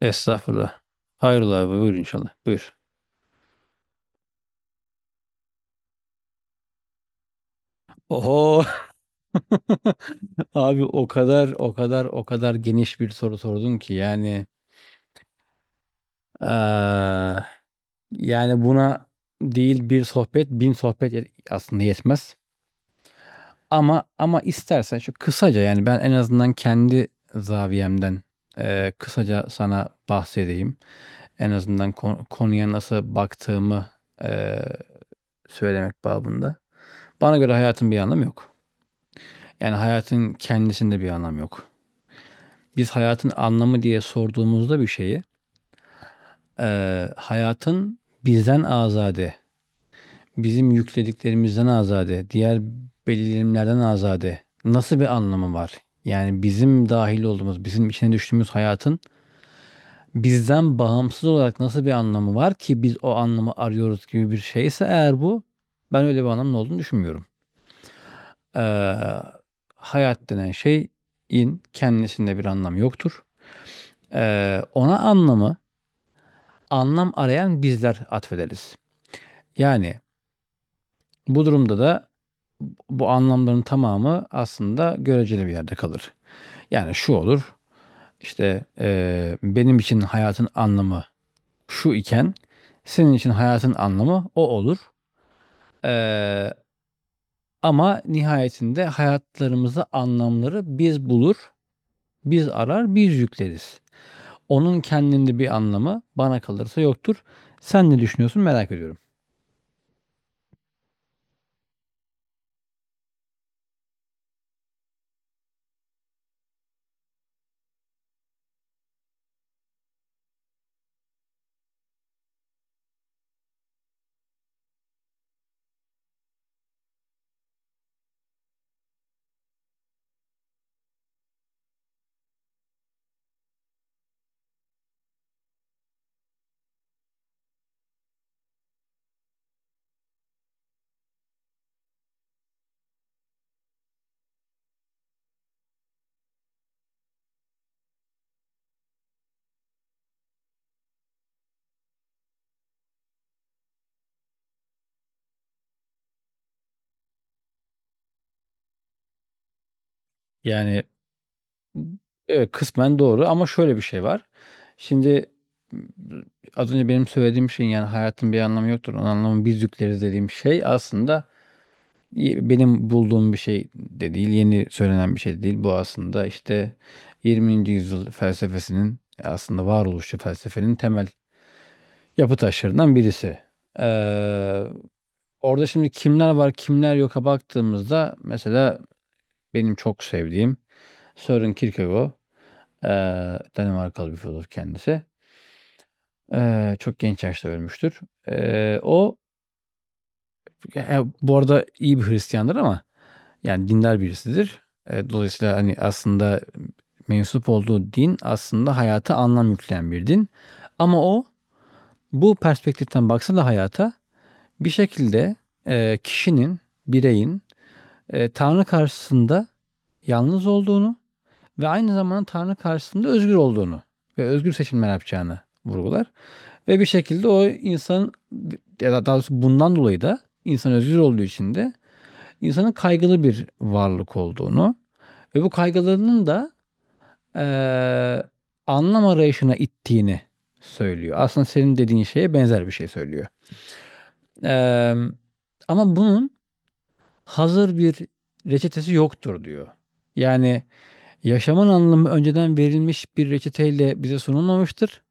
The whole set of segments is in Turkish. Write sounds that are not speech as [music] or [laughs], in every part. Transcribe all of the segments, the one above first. Estağfurullah. Hayrola abi, buyur inşallah. Buyur. Oho. [laughs] Abi o kadar o kadar o kadar geniş bir soru sordun ki, yani eee, yani buna değil bir sohbet, bin sohbet aslında yetmez. Ama istersen şu kısaca, yani ben en azından kendi zaviyemden kısaca sana bahsedeyim. En azından konuya nasıl baktığımı eee, söylemek babında. Bana göre hayatın bir anlamı yok. Yani hayatın kendisinde bir anlam yok. Biz hayatın anlamı diye sorduğumuzda bir şeyi, hayatın bizden azade, bizim yüklediklerimizden azade, diğer belirlenimlerden azade nasıl bir anlamı var? Yani bizim dahil olduğumuz, bizim içine düştüğümüz hayatın bizden bağımsız olarak nasıl bir anlamı var ki biz o anlamı arıyoruz gibi bir şeyse eğer bu, ben öyle bir anlamın olduğunu düşünmüyorum. Eee, hayat denen şeyin kendisinde bir anlam yoktur. Ona anlamı, anlam arayan bizler atfederiz. Yani bu durumda da bu anlamların tamamı aslında göreceli bir yerde kalır. Yani şu olur, işte benim için hayatın anlamı şu iken senin için hayatın anlamı o olur. Ee, ama nihayetinde hayatlarımızda anlamları biz bulur, biz arar, biz yükleriz. Onun kendinde bir anlamı bana kalırsa yoktur. Sen ne düşünüyorsun, merak ediyorum. Yani evet, kısmen doğru ama şöyle bir şey var. Şimdi ımm, az önce benim söylediğim şeyin, yani, "Hayatın bir anlamı yoktur, onun anlamı biz yükleriz." dediğim şey aslında benim bulduğum bir şey de değil, yeni söylenen bir şey de değil. Bu aslında, işte, 20. yüzyıl felsefesinin, aslında varoluşçu felsefenin temel yapı taşlarından birisi. Eee, orada şimdi kimler var, kimler yoka baktığımızda, mesela benim çok sevdiğim Søren Kierkegaard. Danimarkalı bir filozof kendisi. Çok genç yaşta ölmüştür. O, ya, bu arada iyi bir Hristiyandır ama, yani dindar birisidir. Dolayısıyla hani aslında mensup olduğu din aslında hayata anlam yükleyen bir din. Ama o bu perspektiften baksa da hayata bir şekilde kişinin, bireyin Tanrı karşısında yalnız olduğunu ve aynı zamanda Tanrı karşısında özgür olduğunu ve özgür seçimler yapacağını vurgular. Ve bir şekilde o insan, ya da daha doğrusu bundan dolayı da insan özgür olduğu için de insanın kaygılı bir varlık olduğunu ve bu kaygılarının da eee, anlam arayışına ittiğini söylüyor. Aslında senin dediğin şeye benzer bir şey söylüyor. Eee, ama bunun hazır bir reçetesi yoktur diyor. Yani yaşamın anlamı önceden verilmiş bir reçeteyle bize sunulmamıştır.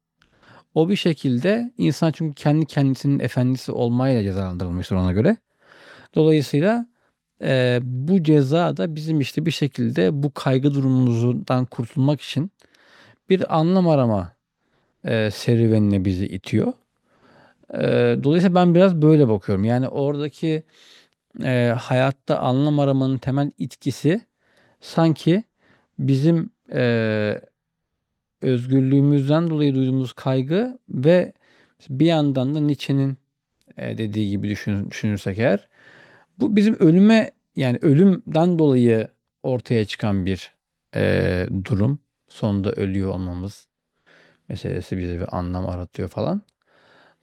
O bir şekilde insan, çünkü kendi kendisinin efendisi olmayla cezalandırılmıştır ona göre. Dolayısıyla bu ceza da bizim işte bir şekilde bu kaygı durumumuzdan kurtulmak için bir anlam arama serüvenine bizi itiyor. Dolayısıyla ben biraz böyle bakıyorum. Yani oradaki hayatta anlam aramanın temel itkisi sanki bizim özgürlüğümüzden dolayı duyduğumuz kaygı ve bir yandan da Nietzsche'nin dediği gibi düşünürsek eğer. Bu bizim ölüme, yani ölümden dolayı ortaya çıkan bir durum. Sonunda ölüyor olmamız meselesi bize bir anlam aratıyor falan.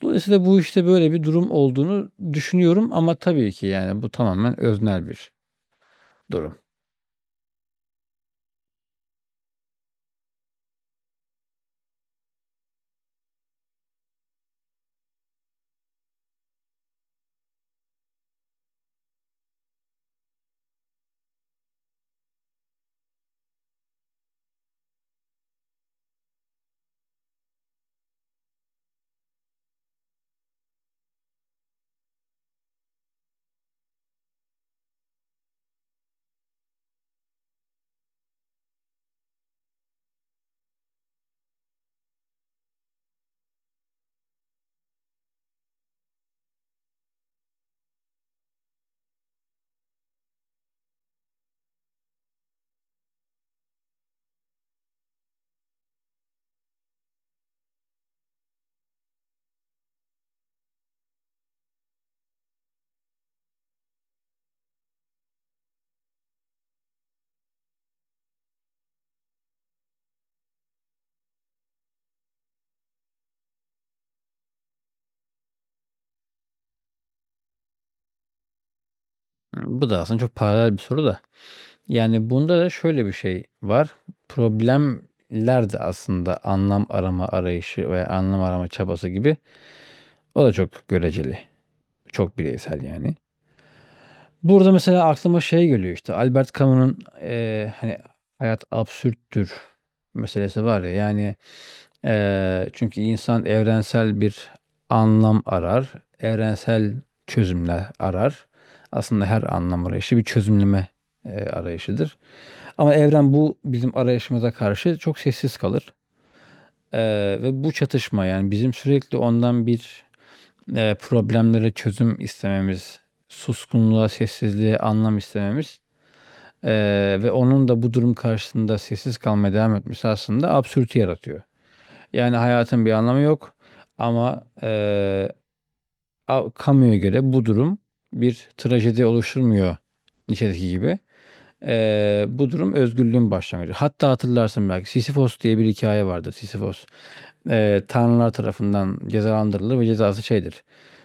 Dolayısıyla bu işte böyle bir durum olduğunu düşünüyorum ama tabii ki yani bu tamamen öznel bir durum. Bu da aslında çok paralel bir soru da. Yani bunda da şöyle bir şey var. Problemler de aslında anlam arama arayışı veya anlam arama çabası gibi, o da çok göreceli. Çok bireysel yani. Burada mesela aklıma şey geliyor, işte Albert Camus'un hani hayat absürttür meselesi var ya, yani çünkü insan evrensel bir anlam arar, evrensel çözümler arar. Aslında her anlam arayışı bir çözümleme arayışıdır. Ama evren bu bizim arayışımıza karşı çok sessiz kalır. Ve bu çatışma, yani bizim sürekli ondan bir problemlere çözüm istememiz, suskunluğa, sessizliğe anlam istememiz, ve onun da bu durum karşısında sessiz kalmaya devam etmesi aslında absürtü yaratıyor. Yani hayatın bir anlamı yok ama, kamuya göre bu durum bir trajedi oluşturmuyor, Nietzsche'deki gibi. Bu durum özgürlüğün başlangıcı. Hatta hatırlarsın belki, Sisyphos diye bir hikaye vardı. Sisyphos tanrılar tarafından cezalandırılır ve cezası şeydir,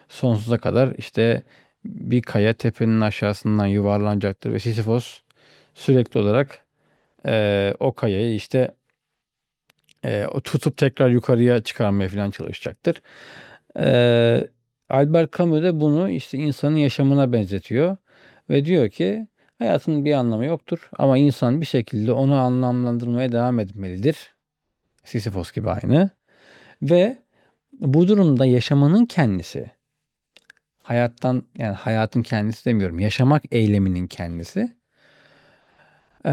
sonsuza kadar, işte, bir kaya tepenin aşağısından yuvarlanacaktır ve Sisyphos sürekli olarak, o kayayı, işte, o tutup tekrar yukarıya çıkarmaya filan çalışacaktır. Eee, Albert Camus de bunu, işte, insanın yaşamına benzetiyor ve diyor ki hayatın bir anlamı yoktur ama insan bir şekilde onu anlamlandırmaya devam etmelidir. Sisyphos gibi aynı. Ve bu durumda yaşamanın kendisi, hayattan, yani, hayatın kendisi demiyorum, yaşamak eyleminin kendisi, eee,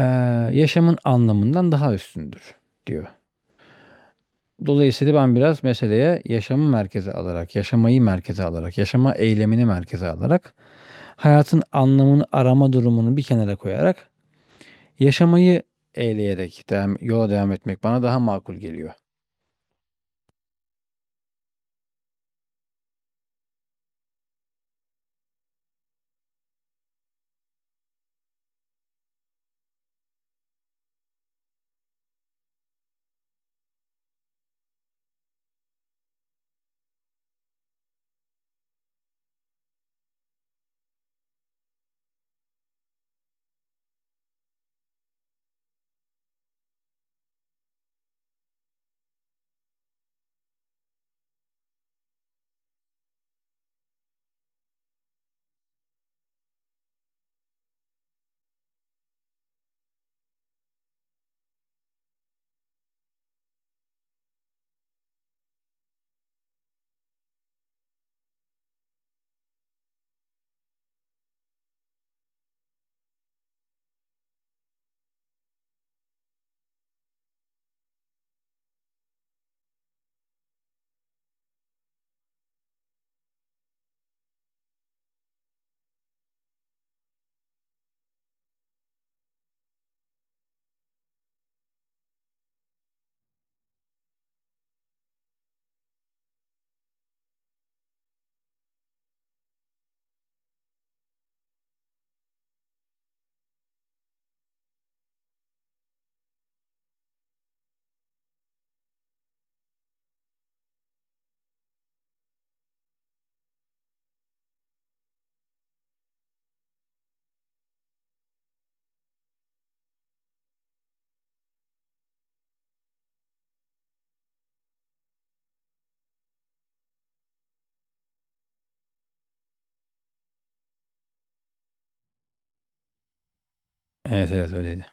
yaşamın anlamından daha üstündür diyor. Dolayısıyla ben biraz meseleye yaşamı merkeze alarak, yaşamayı merkeze alarak, yaşama eylemini merkeze alarak, hayatın anlamını arama durumunu bir kenara koyarak, yaşamayı eyleyerek yola devam etmek bana daha makul geliyor. Evet, evet öyleydi.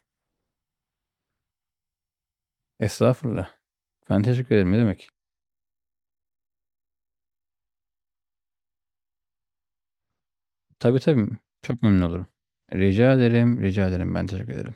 Estağfurullah. Ben teşekkür ederim. Ne demek. Tabii tabii. Çok memnun olurum. Rica ederim, rica ederim. Ben teşekkür ederim.